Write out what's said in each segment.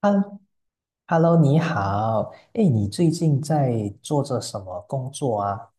哈 Hello，你好。哎，你最近在做着什么工作啊？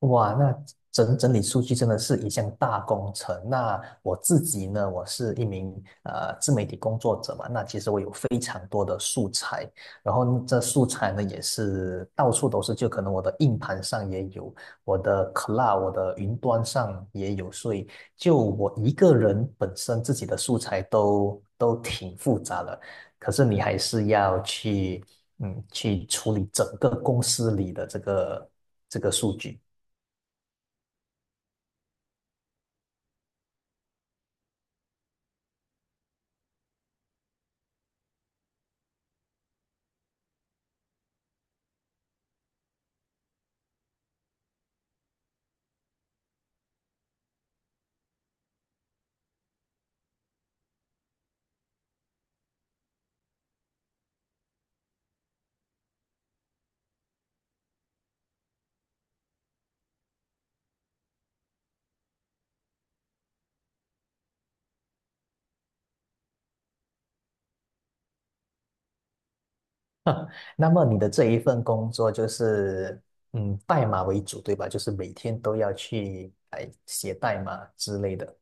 哇，那整理数据真的是一项大工程。那我自己呢，我是一名自媒体工作者嘛，那其实我有非常多的素材，然后这素材呢也是到处都是，就可能我的硬盘上也有，我的 cloud,我的云端上也有，所以就我一个人本身自己的素材都挺复杂的，可是你还是要去去处理整个公司里的这个数据。那么你的这一份工作就是，嗯，代码为主，对吧？就是每天都要去哎写代码之类的。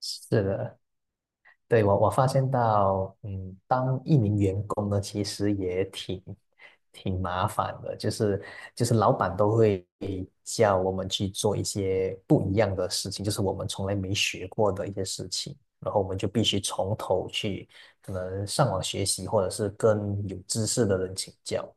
是的，对，我发现到，嗯，当一名员工呢，其实也挺麻烦的，就是老板都会叫我们去做一些不一样的事情，就是我们从来没学过的一些事情，然后我们就必须从头去，可能上网学习，或者是跟有知识的人请教。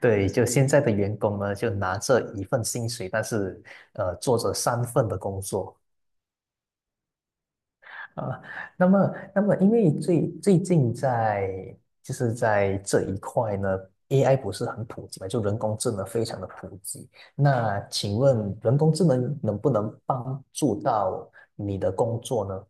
对，就现在的员工呢，就拿着一份薪水，但是做着三份的工作啊。那么，那么，因为最近在就是在这一块呢，AI 不是很普及嘛，就人工智能非常的普及。那请问人工智能能不能帮助到你的工作呢？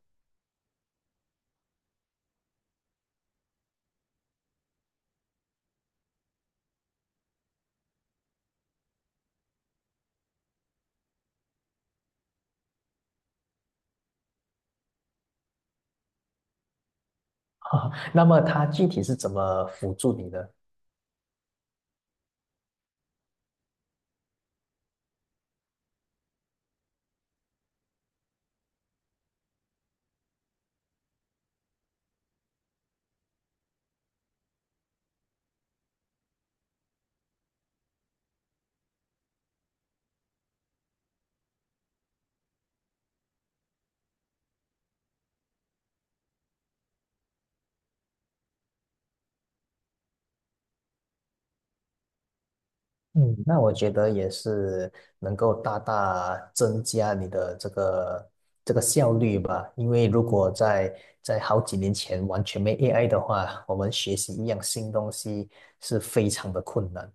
那么它具体是怎么辅助你的？嗯，那我觉得也是能够大大增加你的这个效率吧，因为如果在好几年前完全没 AI 的话，我们学习一样新东西是非常的困难。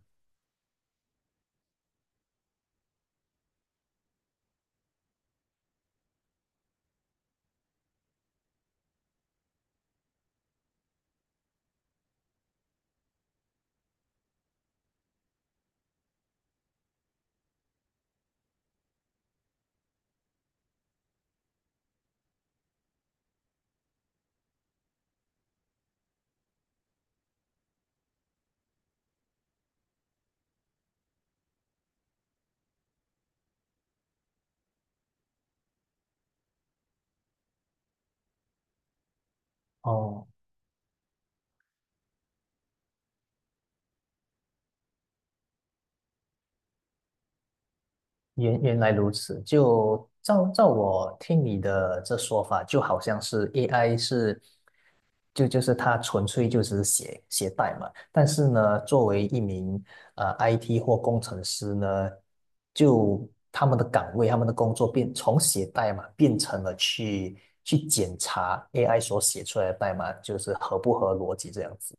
哦，原来如此。就照我听你的这说法，就好像是 AI 是就是他纯粹就是写代码，但是呢，作为一名IT 或工程师呢，就他们的岗位、他们的工作变从写代码变成了去检查 AI 所写出来的代码就是合不合逻辑这样子。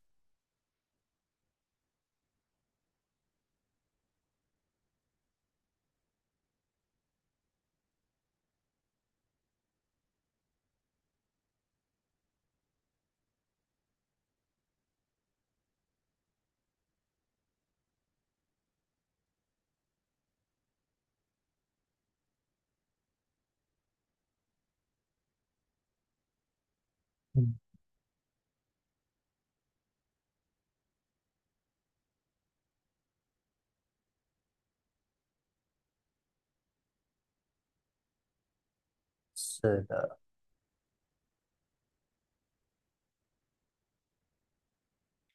嗯，是的，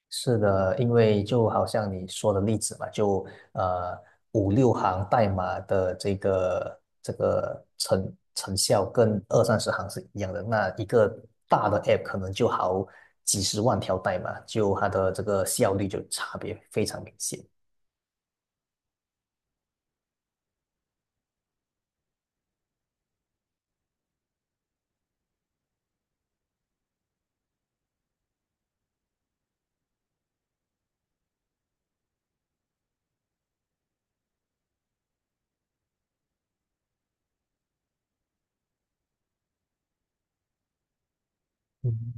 是的，因为就好像你说的例子嘛，就呃五六行代码的这个成效跟二三十行是一样的。那一个大的 app 可能就好几十万条代码，就它的这个效率就差别非常明显。嗯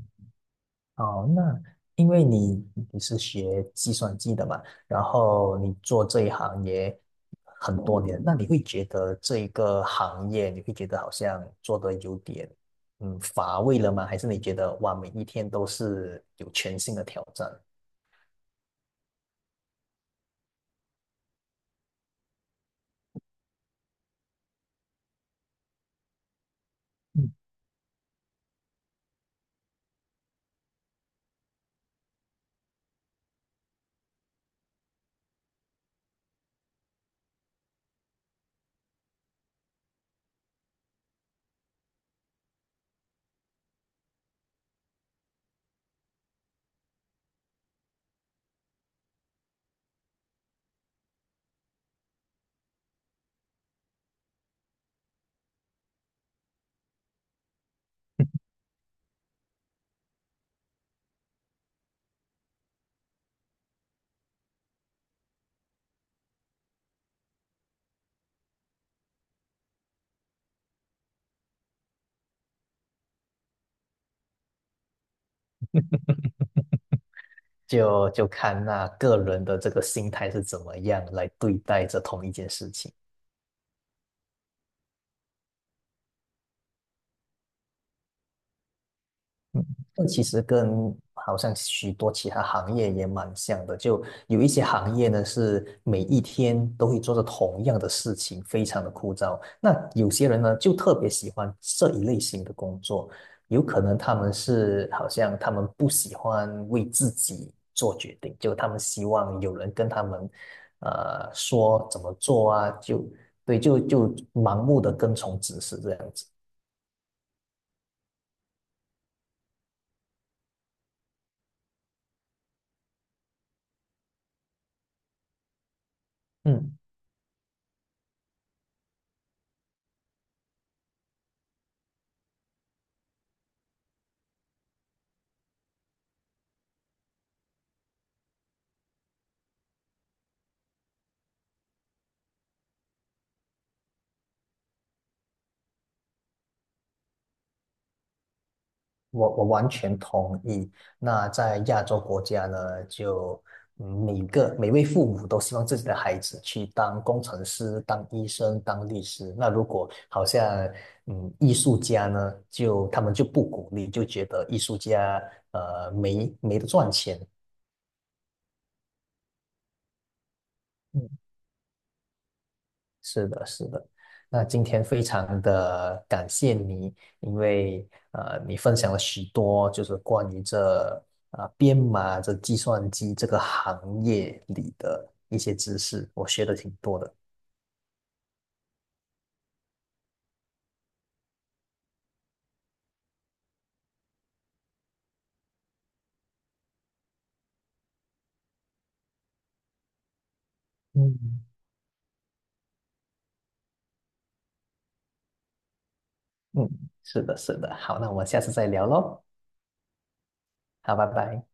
哦，那因为你是学计算机的嘛，然后你做这一行也很多年，那你会觉得这一个行业，你会觉得好像做的有点乏味了吗？还是你觉得哇，每一天都是有全新的挑战？嗯。就看那个人的这个心态是怎么样来对待这同一件事情。嗯，这其实跟好像许多其他行业也蛮像的，就有一些行业呢是每一天都会做着同样的事情，非常的枯燥。那有些人呢就特别喜欢这一类型的工作，有可能他们是好像他们不喜欢为自己做决定，就他们希望有人跟他们说怎么做啊，就对，就盲目的跟从指示这样子。嗯。我完全同意。那在亚洲国家呢，就每位父母都希望自己的孩子去当工程师、当医生、当律师。那如果好像艺术家呢，就他们就不鼓励，就觉得艺术家没得赚钱。嗯是的，是的。那今天非常的感谢你，因为你分享了许多就是关于这啊、编码、这计算机这个行业里的一些知识，我学的挺多的。嗯。嗯，是的，是的。好，那我们下次再聊喽。好，拜拜。